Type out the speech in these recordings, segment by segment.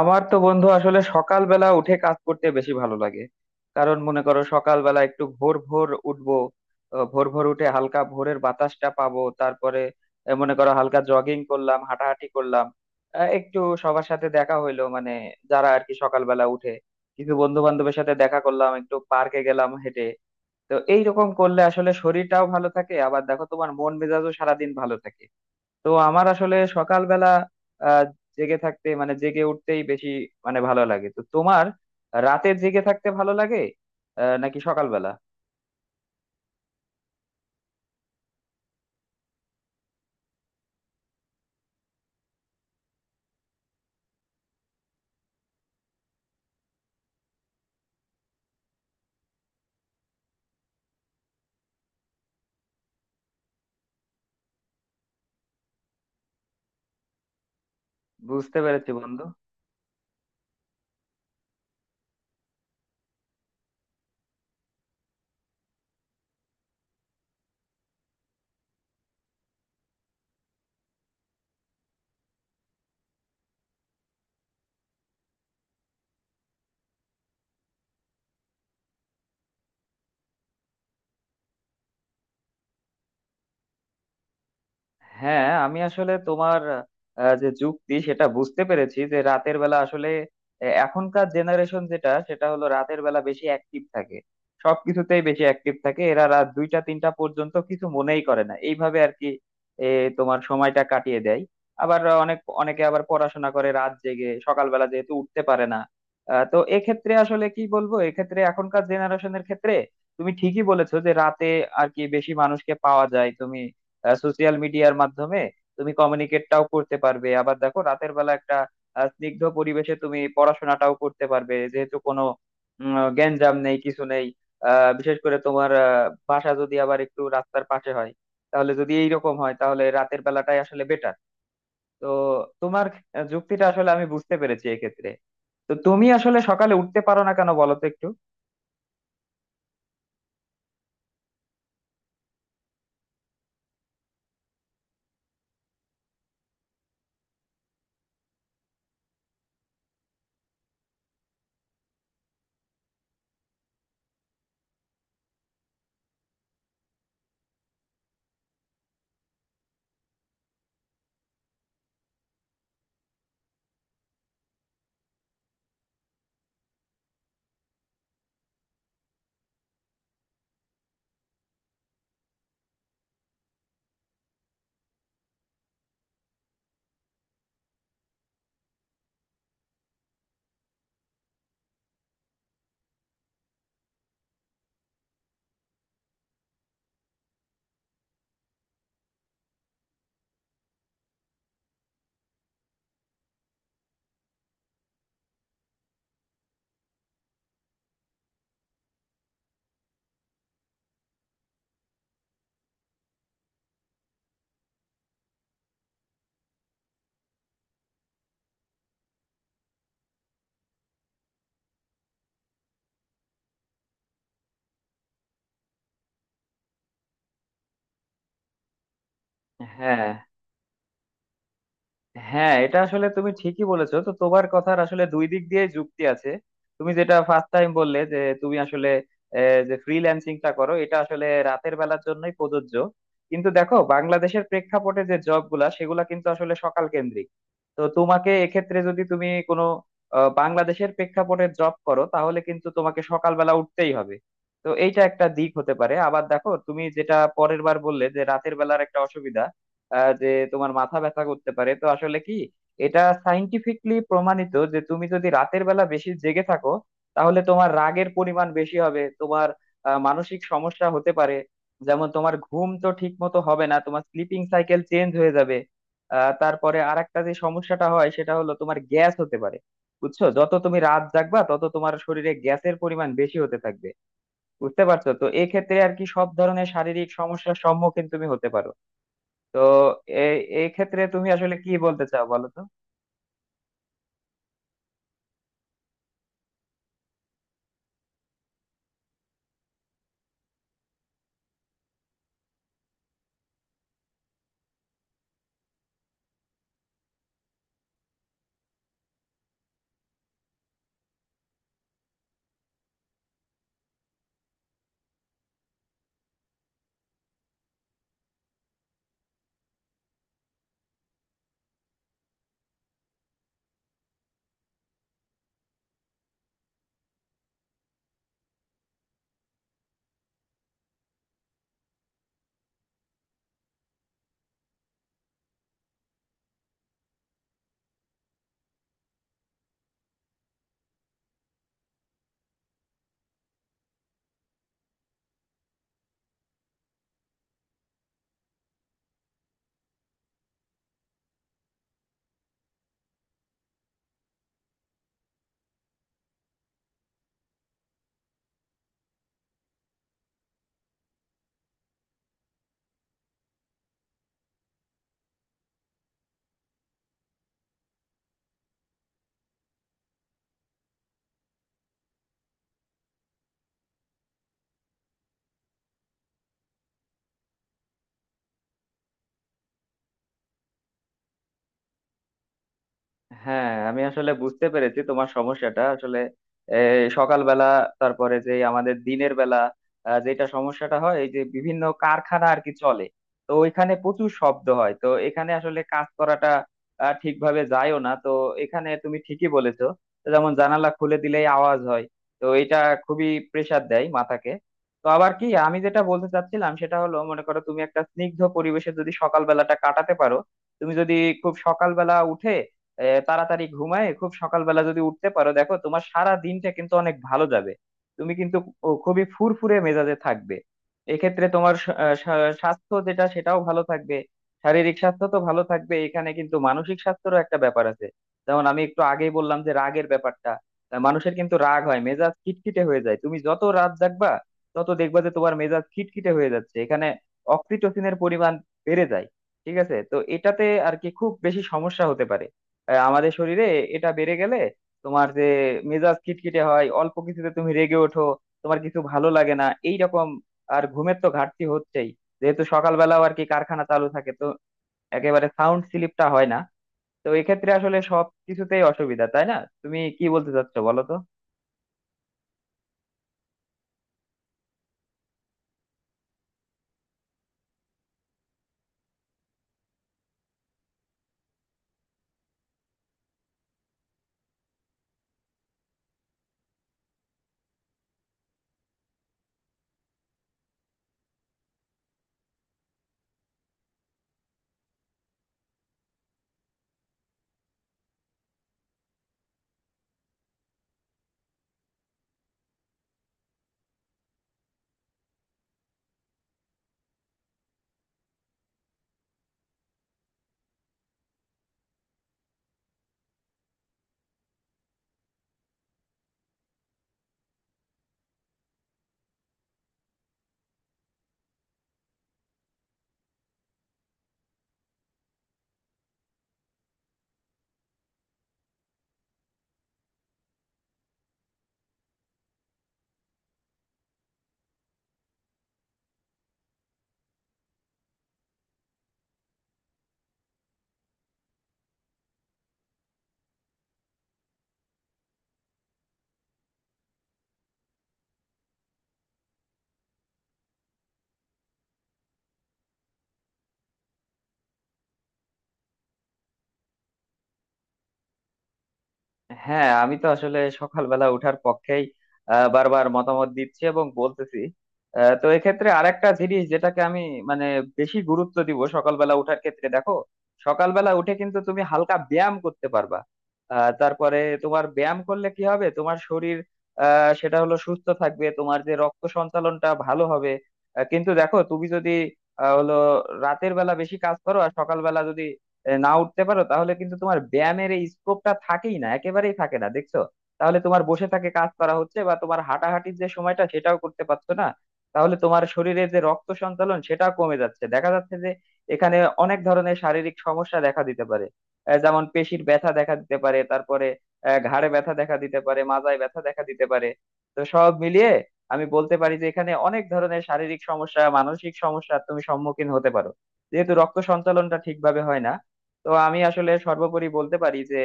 আমার তো বন্ধু আসলে সকালবেলা উঠে কাজ করতে বেশি ভালো লাগে। কারণ মনে করো, সকালবেলা একটু ভোর ভোর উঠবো, ভোর ভোর উঠে হালকা ভোরের বাতাসটা পাবো। তারপরে মনে করো হালকা জগিং করলাম, হাঁটাহাঁটি করলাম, একটু সবার সাথে দেখা হইলো মানে যারা আর কি সকালবেলা উঠে কিছু বন্ধু বান্ধবের সাথে দেখা করলাম, একটু পার্কে গেলাম হেঁটে। তো এইরকম করলে আসলে শরীরটাও ভালো থাকে, আবার দেখো তোমার মন মেজাজও সারাদিন ভালো থাকে। তো আমার আসলে সকালবেলা আহ জেগে থাকতে মানে জেগে উঠতেই বেশি মানে ভালো লাগে। তো তোমার রাতে জেগে থাকতে ভালো লাগে নাকি সকালবেলা? বুঝতে পেরেছি বন্ধু। হ্যাঁ আমি আসলে তোমার যে যুক্তি সেটা বুঝতে পেরেছি যে রাতের বেলা আসলে এখনকার জেনারেশন যেটা সেটা হলো রাতের বেলা বেশি অ্যাক্টিভ থাকে, সবকিছুতেই বেশি অ্যাক্টিভ থাকে। এরা রাত দুইটা তিনটা পর্যন্ত কিছু মনেই করে না, এইভাবে আর কি এ, তোমার সময়টা কাটিয়ে দেয়। আবার অনেক অনেকে আবার পড়াশোনা করে রাত জেগে, সকালবেলা যেহেতু উঠতে পারে না, তো এক্ষেত্রে আসলে কি বলবো, এক্ষেত্রে এখনকার জেনারেশনের ক্ষেত্রে তুমি ঠিকই বলেছো যে রাতে আর কি বেশি মানুষকে পাওয়া যায়। তুমি সোশ্যাল মিডিয়ার মাধ্যমে তুমি কমিউনিকেটটাও করতে পারবে। আবার দেখো রাতের বেলা একটা স্নিগ্ধ পরিবেশে তুমি পড়াশোনাটাও করতে পারবে, যেহেতু কোনো গ্যাঞ্জাম নেই কিছু নেই। বিশেষ করে তোমার বাসা যদি আবার একটু রাস্তার পাশে হয়, তাহলে যদি এইরকম হয় তাহলে রাতের বেলাটাই আসলে বেটার। তো তোমার যুক্তিটা আসলে আমি বুঝতে পেরেছি এক্ষেত্রে। তো তুমি আসলে সকালে উঠতে পারো না কেন বলো তো একটু? হ্যাঁ হ্যাঁ, এটা আসলে তুমি ঠিকই বলেছো। তো তোমার কথার আসলে দুই দিক দিয়ে যুক্তি আছে। তুমি যেটা ফার্স্ট টাইম বললে যে তুমি আসলে যে ফ্রিল্যান্সিংটা করো এটা আসলে রাতের বেলার জন্যই প্রযোজ্য। কিন্তু দেখো বাংলাদেশের প্রেক্ষাপটে যে জব গুলা সেগুলা কিন্তু আসলে সকাল কেন্দ্রিক। তো তোমাকে এক্ষেত্রে যদি তুমি কোনো বাংলাদেশের প্রেক্ষাপটে জব করো তাহলে কিন্তু তোমাকে সকালবেলা উঠতেই হবে। তো এইটা একটা দিক হতে পারে। আবার দেখো তুমি যেটা পরের বার বললে যে রাতের বেলার একটা অসুবিধা, যে তোমার মাথা ব্যথা করতে পারে। তো আসলে কি, এটা সাইন্টিফিকলি প্রমাণিত যে তুমি যদি রাতের বেলা বেশি জেগে থাকো তাহলে তোমার রাগের পরিমাণ বেশি হবে, তোমার মানসিক সমস্যা হতে পারে। যেমন তোমার ঘুম তো ঠিক মতো হবে না, তোমার স্লিপিং সাইকেল চেঞ্জ হয়ে যাবে। তারপরে আরেকটা যে সমস্যাটা হয় সেটা হলো তোমার গ্যাস হতে পারে। বুঝছো, যত তুমি রাত জাগবা তত তোমার শরীরে গ্যাসের পরিমাণ বেশি হতে থাকবে। বুঝতে পারছো, তো এক্ষেত্রে আর কি সব ধরনের শারীরিক সমস্যার সম্মুখীন তুমি হতে পারো। তো এই এই ক্ষেত্রে তুমি আসলে কি বলতে চাও বলো তো? হ্যাঁ আমি আসলে বুঝতে পেরেছি তোমার সমস্যাটা আসলে এই সকালবেলা, তারপরে যে আমাদের দিনের বেলা যেটা সমস্যাটা হয় এই যে বিভিন্ন কারখানা আর কি চলে, তো ওইখানে প্রচুর শব্দ হয়, তো এখানে আসলে কাজ করাটা ঠিকভাবে যায়ও না। তো এখানে তুমি ঠিকই বলেছো। তো যেমন জানালা খুলে দিলেই আওয়াজ হয়। তো এটা খুবই প্রেসার দেয় মাথাকে। তো আবার কি আমি যেটা বলতে চাচ্ছিলাম সেটা হলো, মনে করো তুমি একটা স্নিগ্ধ পরিবেশে যদি সকালবেলাটা কাটাতে পারো, তুমি যদি খুব সকালবেলা উঠে তাড়াতাড়ি ঘুমায় খুব সকালবেলা যদি উঠতে পারো, দেখো তোমার সারা দিনটা কিন্তু অনেক ভালো যাবে। তুমি কিন্তু খুবই ফুরফুরে মেজাজে থাকবে। এক্ষেত্রে তোমার স্বাস্থ্য যেটা সেটাও ভালো থাকবে। শারীরিক স্বাস্থ্য তো ভালো থাকবে, এখানে কিন্তু মানসিক স্বাস্থ্যেরও একটা ব্যাপার আছে। যেমন আমি একটু আগেই বললাম যে রাগের ব্যাপারটা, মানুষের কিন্তু রাগ হয়, মেজাজ খিটখিটে হয়ে যায়। তুমি যত রাত জাগবা তত দেখবা যে তোমার মেজাজ খিটখিটে হয়ে যাচ্ছে। এখানে অক্সিটোসিনের পরিমাণ বেড়ে যায়। ঠিক আছে, তো এটাতে আর কি খুব বেশি সমস্যা হতে পারে আমাদের শরীরে। এটা বেড়ে গেলে তোমার যে মেজাজ খিটখিটে হয়, অল্প কিছুতে তুমি রেগে ওঠো, তোমার কিছু ভালো লাগে না এইরকম। আর ঘুমের তো ঘাটতি হচ্ছেই, যেহেতু সকালবেলাও আর কি কারখানা চালু থাকে, তো একেবারে সাউন্ড স্লিপটা হয় না। তো এক্ষেত্রে আসলে সব কিছুতেই অসুবিধা, তাই না? তুমি কি বলতে চাচ্ছো বলো তো? হ্যাঁ আমি তো আসলে সকালবেলা উঠার পক্ষেই বারবার মতামত দিচ্ছি এবং বলতেছি। তো এক্ষেত্রে আরেকটা জিনিস যেটাকে আমি মানে বেশি গুরুত্ব দিব সকালবেলা উঠার ক্ষেত্রে, দেখো সকালবেলা উঠে কিন্তু তুমি হালকা ব্যায়াম করতে পারবা। তারপরে তোমার ব্যায়াম করলে কি হবে, তোমার শরীর সেটা হলো সুস্থ থাকবে, তোমার যে রক্ত সঞ্চালনটা ভালো হবে। কিন্তু দেখো তুমি যদি আহ, হলো রাতের বেলা বেশি কাজ করো আর সকালবেলা যদি না উঠতে পারো তাহলে কিন্তু তোমার ব্যায়ামের এই স্কোপটা থাকেই না, একেবারেই থাকে না দেখছো। তাহলে তোমার বসে থাকে কাজ করা হচ্ছে বা তোমার হাঁটাহাঁটির যে সময়টা সেটাও করতে পারছো না, তাহলে তোমার শরীরে যে রক্ত সঞ্চালন সেটাও কমে যাচ্ছে। দেখা যাচ্ছে যে এখানে অনেক ধরনের শারীরিক সমস্যা দেখা দিতে পারে। যেমন পেশির ব্যথা দেখা দিতে পারে, তারপরে ঘাড়ে ব্যথা দেখা দিতে পারে, মাজায় ব্যথা দেখা দিতে পারে। তো সব মিলিয়ে আমি বলতে পারি যে এখানে অনেক ধরনের শারীরিক সমস্যা মানসিক সমস্যা তুমি সম্মুখীন হতে পারো, যেহেতু রক্ত সঞ্চালনটা ঠিকভাবে হয় না। তো আমি আসলে সর্বোপরি বলতে পারি যে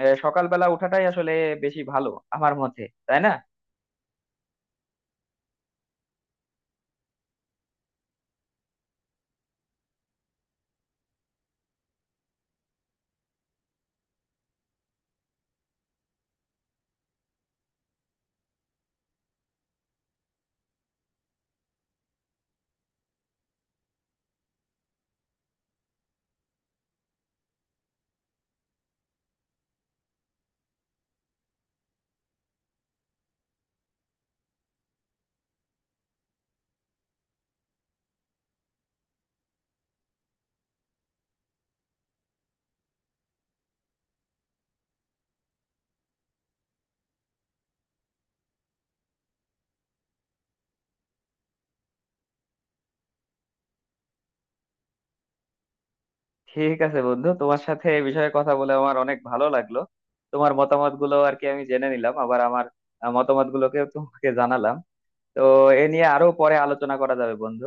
সকালবেলা ওঠাটাই আসলে বেশি ভালো আমার মতে, তাই না? ঠিক আছে বন্ধু, তোমার সাথে এই বিষয়ে কথা বলে আমার অনেক ভালো লাগলো। তোমার মতামত গুলো আর কি আমি জেনে নিলাম, আবার আমার মতামত গুলোকে তোমাকে জানালাম। তো এ নিয়ে আরো পরে আলোচনা করা যাবে বন্ধু।